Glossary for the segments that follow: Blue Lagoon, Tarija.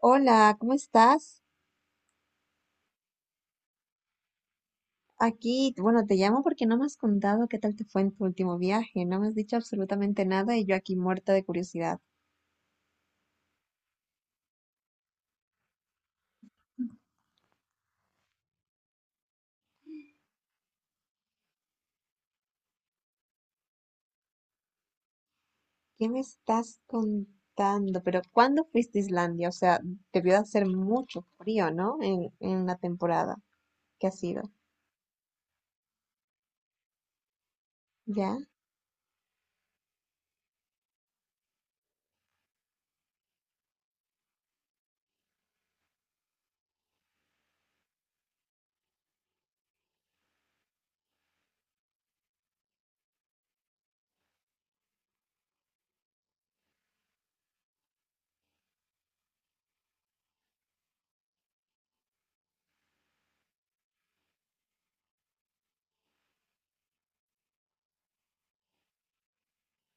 Hola, ¿cómo estás? Aquí, bueno, te llamo porque no me has contado qué tal te fue en tu último viaje, no me has dicho absolutamente nada y yo aquí muerta de curiosidad. ¿Qué me estás contando? Pero ¿cuándo fuiste a Islandia? O sea, debió de hacer mucho frío, ¿no? En la temporada que ha sido, ¿ya?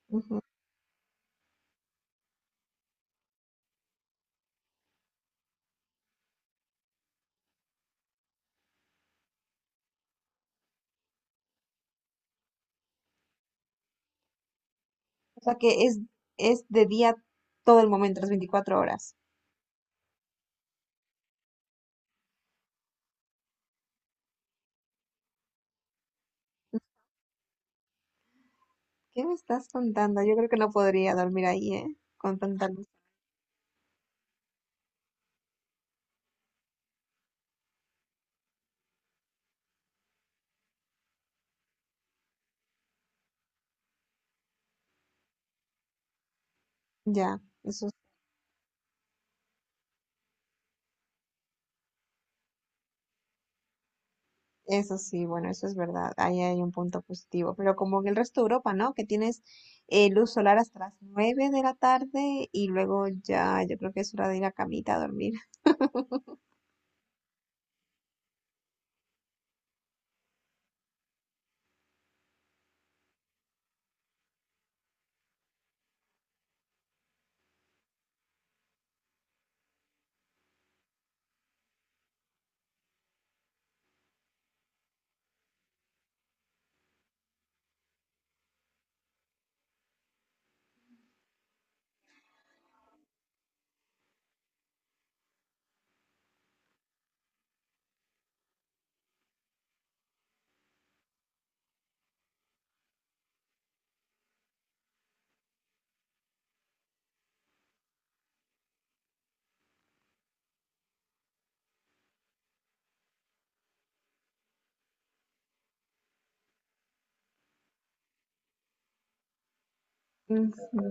Ujú. O sea que es de día todo el momento, las 24 horas. ¿Qué me estás contando? Yo creo que no podría dormir ahí, ¿eh? Con tanta luz. Ya. Eso sí, bueno, eso es verdad. Ahí hay un punto positivo. Pero como en el resto de Europa, ¿no? Que tienes luz solar hasta las 9 de la tarde y luego ya yo creo que es hora de ir a camita a dormir. Ujú.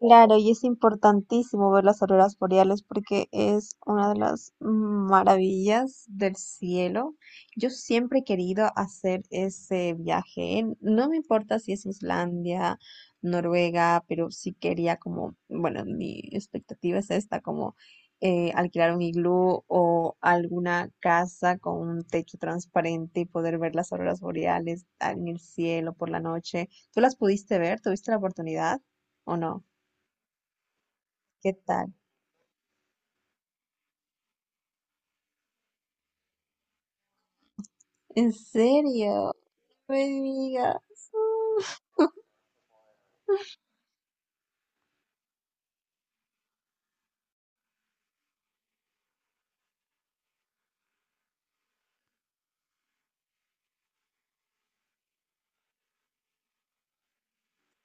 Claro, y es importantísimo ver las auroras boreales porque es una de las maravillas del cielo. Yo siempre he querido hacer ese viaje. No me importa si es Islandia, Noruega, pero sí quería como, bueno, mi expectativa es esta, como alquilar un iglú o alguna casa con un techo transparente y poder ver las auroras boreales en el cielo por la noche. ¿Tú las pudiste ver? ¿Tuviste la oportunidad o no? ¿Qué tal? ¿En serio? No me diga.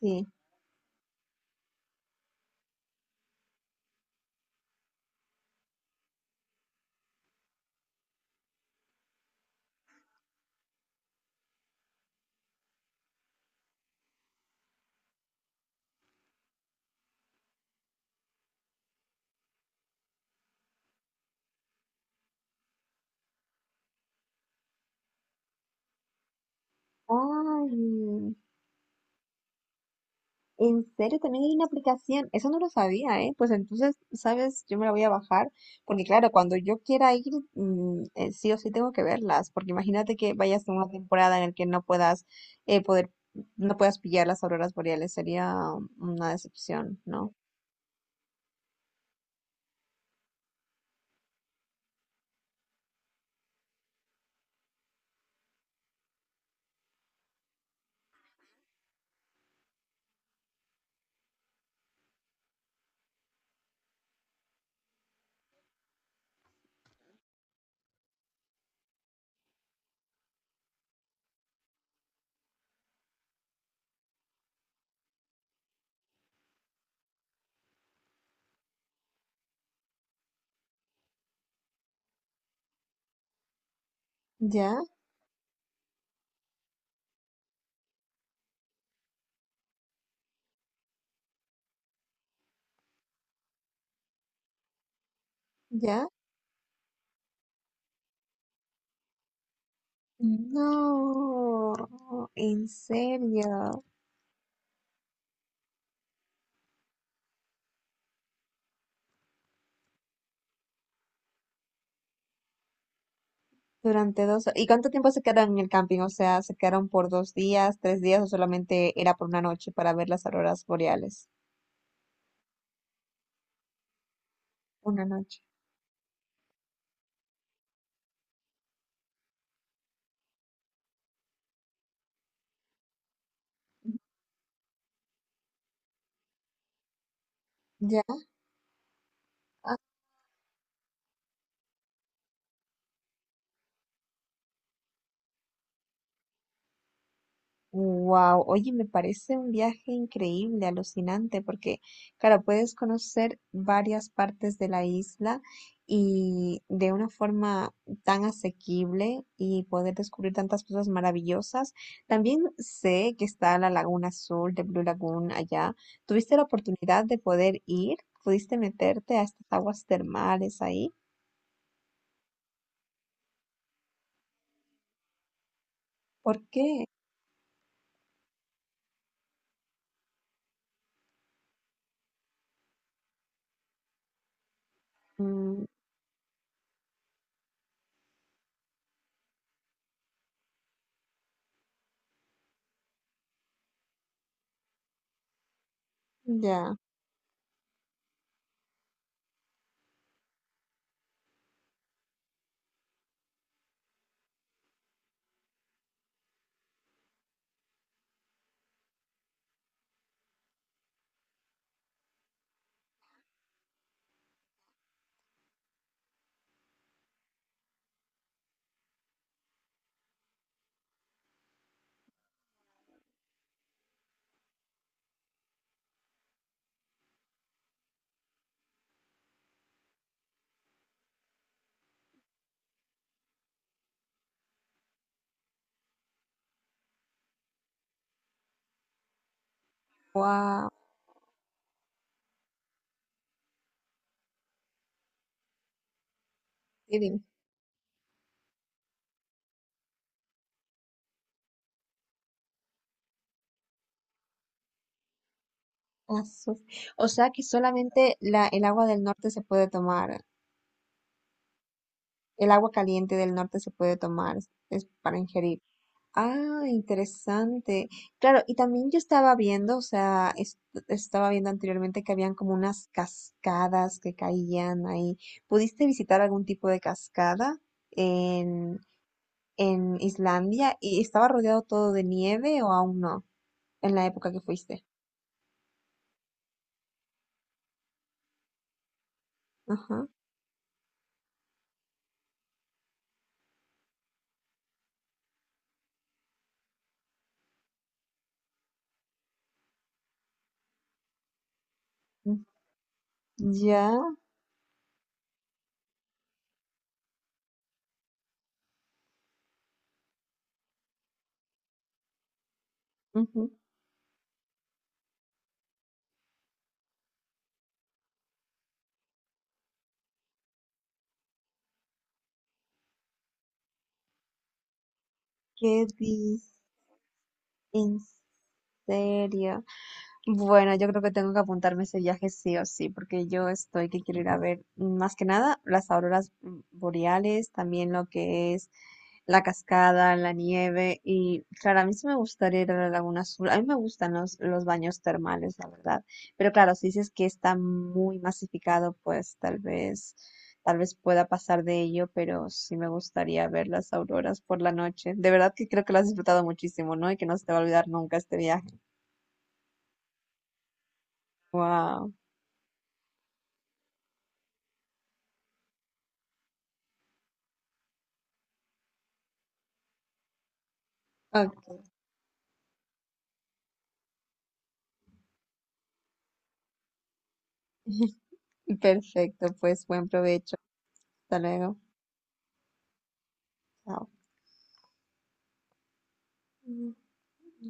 Sí. Ay, ¿en serio? También hay una aplicación. Eso no lo sabía, ¿eh? Pues entonces, ¿sabes? Yo me la voy a bajar. Porque claro, cuando yo quiera ir, sí o sí tengo que verlas. Porque imagínate que vayas a una temporada en la que no puedas eh, poder, no puedas pillar las auroras boreales. Sería una decepción, ¿no? ¿Ya? ¿Ya? No, en serio. Durante dos... ¿Y cuánto tiempo se quedaron en el camping? O sea, ¿se quedaron por dos días, tres días o solamente era por una noche para ver las auroras boreales? Una noche. ¿Ya? Wow, oye, me parece un viaje increíble, alucinante, porque, claro, puedes conocer varias partes de la isla y de una forma tan asequible y poder descubrir tantas cosas maravillosas. También sé que está la Laguna Azul de Blue Lagoon allá. ¿Tuviste la oportunidad de poder ir? ¿Pudiste meterte a estas aguas termales ahí? ¿Por qué? Mm, ya. Wow. Azuf. O sea que solamente la, el agua del norte se puede tomar, el agua caliente del norte se puede tomar, es para ingerir. Ah, interesante. Claro, y también yo estaba viendo, o sea, es estaba viendo anteriormente que habían como unas cascadas que caían ahí. ¿Pudiste visitar algún tipo de cascada en, en Islandia? ¿Y estaba rodeado todo de nieve o aún no? En la época que fuiste. Ajá. Mm, ya. ¿Qué dis en serio? Bueno, yo creo que tengo que apuntarme ese viaje sí o sí, porque yo estoy que quiero ir a ver más que nada las auroras boreales, también lo que es la cascada, la nieve y claro, a mí sí me gustaría ir a la Laguna Azul, a mí me gustan los baños termales, la verdad, pero claro, si dices que está muy masificado, pues tal vez pueda pasar de ello, pero sí me gustaría ver las auroras por la noche. De verdad que creo que lo has disfrutado muchísimo, ¿no? Y que no se te va a olvidar nunca este viaje. Wow. Perfecto, pues buen provecho. Hasta luego. Chao.